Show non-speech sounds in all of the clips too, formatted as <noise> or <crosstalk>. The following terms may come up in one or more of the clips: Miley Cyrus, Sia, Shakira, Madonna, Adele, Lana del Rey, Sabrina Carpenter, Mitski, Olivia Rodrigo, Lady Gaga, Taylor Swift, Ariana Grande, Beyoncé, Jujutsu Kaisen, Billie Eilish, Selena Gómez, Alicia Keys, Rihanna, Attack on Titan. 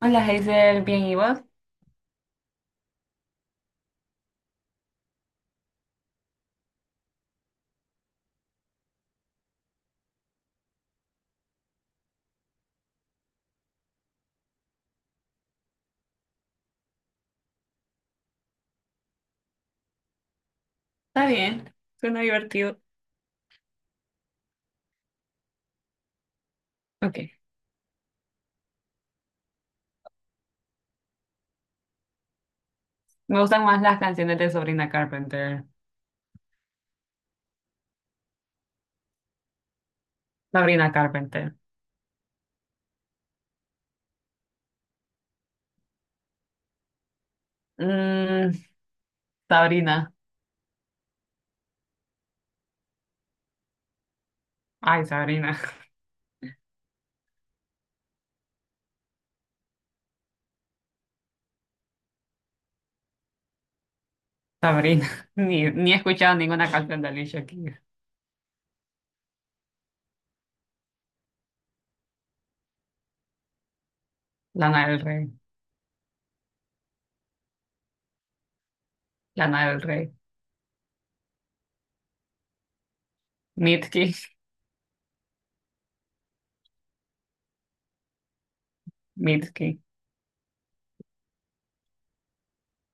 Hola Hazel, bien, ¿y vos? Está bien, suena divertido. Ok, me gustan más las canciones de Sabrina Carpenter. Sabrina Carpenter. Mm, Sabrina. Ay, Sabrina. <laughs> Sabrina. Ni he escuchado ninguna canción de Alicia Keys. Lana del Rey. Lana del Rey. Mitski. Mitski.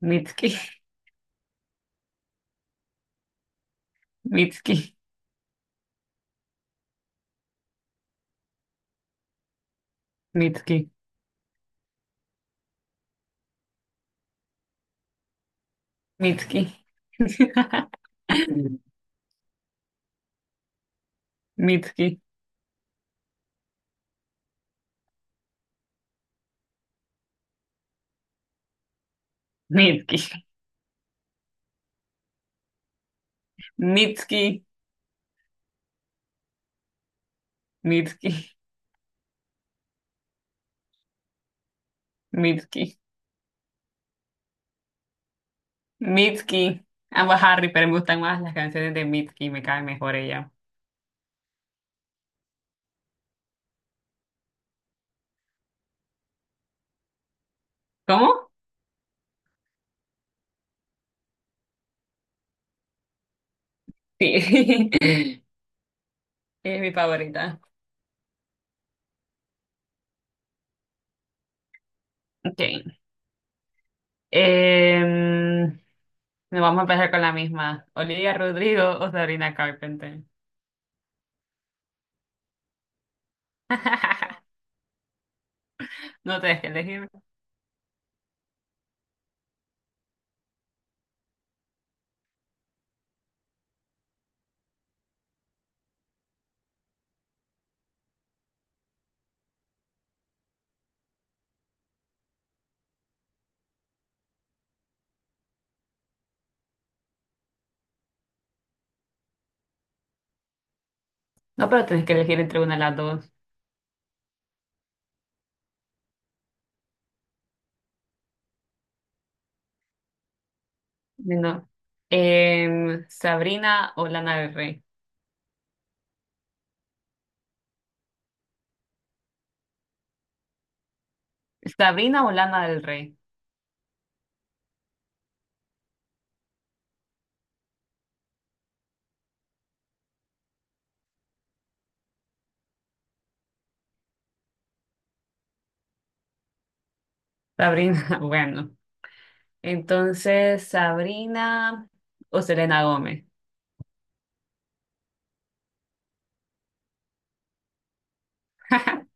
Mitski. Mitski. Mitski. Mitski. <laughs> Mitski. Mitski. Mitski. Mitski. Mitski. Mitski, ambos Harry, pero me gustan más las canciones de Mitski, me cae mejor ella. ¿Cómo? Sí, <laughs> es mi favorita. Okay. Em, Nos vamos a empezar con la misma. Olivia Rodrigo o Sabrina Carpenter. <laughs> No tenés que elegir. No, pero tenés que elegir entre una de las dos. No. Sabrina o Lana del Rey. Sabrina o Lana del Rey. Sabrina, <laughs> bueno. Entonces, Sabrina o Selena Gómez. <laughs>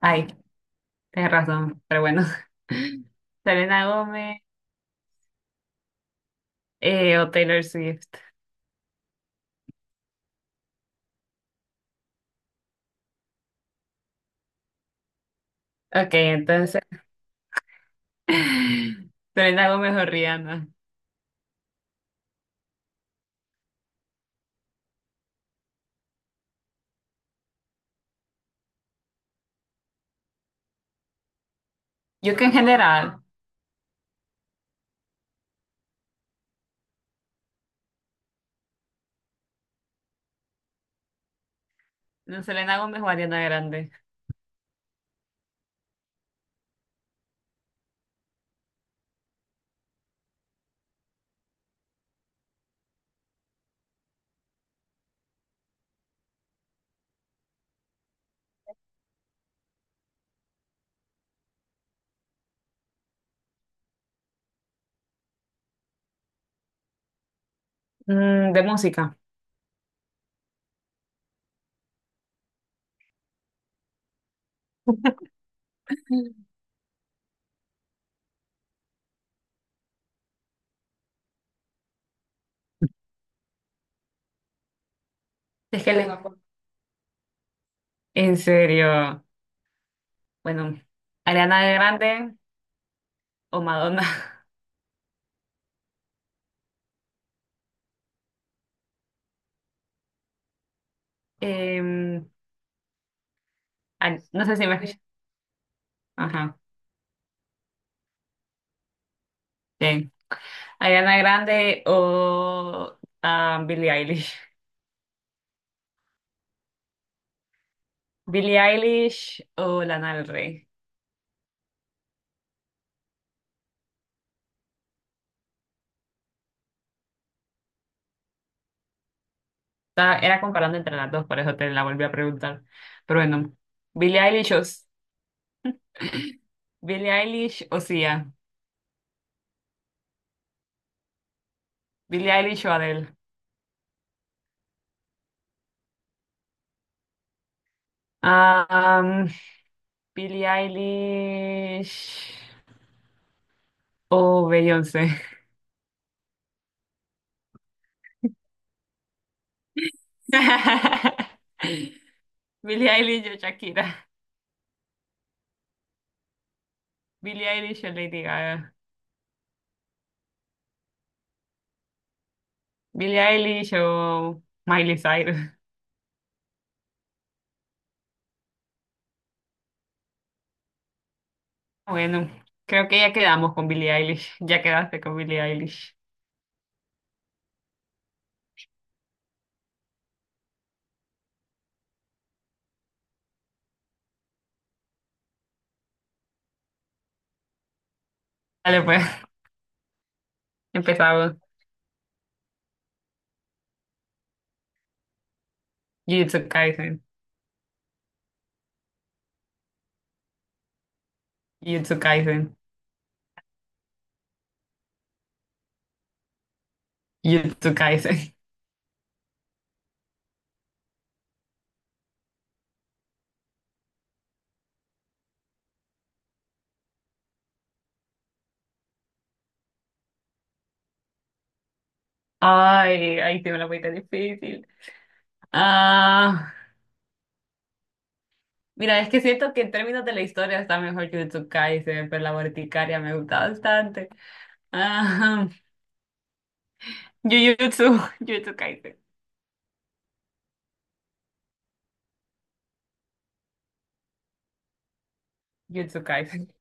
Ay, tienes razón, pero bueno. <laughs> Selena Gómez o Taylor Swift. Ok, entonces. <laughs> Selena Gómez o Rihanna. Yo que en general, no, Selena Gómez o Ariana Grande. Mm, de música. Es que le- En serio. Bueno, Ariana Grande o Madonna. <laughs> Em, no sé si me... Ajá, bien. Ariana Grande o Billie Eilish. Billie Eilish o Lana del Rey. Era comparando entre las dos, por eso te la volví a preguntar. Pero bueno, Billie Eilish o, Billie Eilish o Sia, Billie Eilish o Adele. Ah, um, Billie Eilish o Beyoncé. <laughs> Billie Eilish o Shakira. Billie Eilish o Lady Gaga. Billie Eilish o Miley Cyrus. Bueno, creo que ya quedamos con Billie Eilish. Ya quedaste con Billie Eilish. Dale, pues, empezamos. Jujutsu Kaisen. Jujutsu Kaisen. Yutsukaisen. <laughs> Ay, ahí tiene una muy difícil. Ah, Mira, es que siento que en términos de la historia está mejor Jujutsu Kaisen, pero la verticaria me gusta bastante. Ah, <laughs> Jujutsu, Jujutsu Kaisen, Jujutsu Kaisen,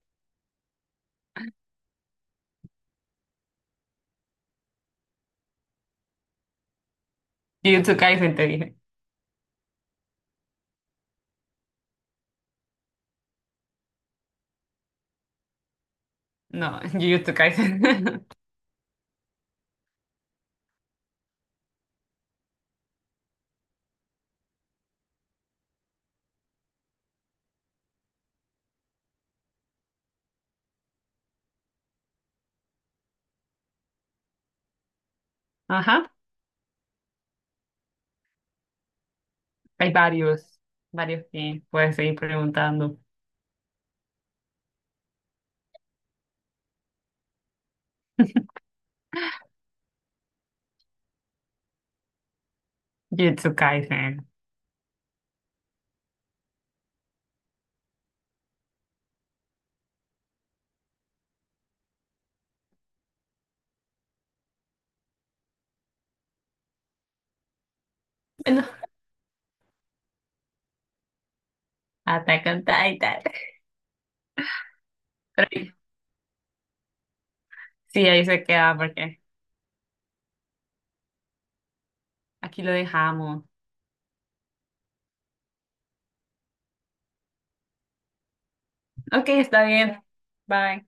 Jujutsu Kaisen te <laughs> dije. No, Jujutsu Kaisen. <laughs> Ajá, hay varios que puedes seguir preguntando. Jujutsu Kaisen. Bueno, Attack on Titan. Pero sí, ahí se queda porque aquí lo dejamos. Ok, está bien. Bye.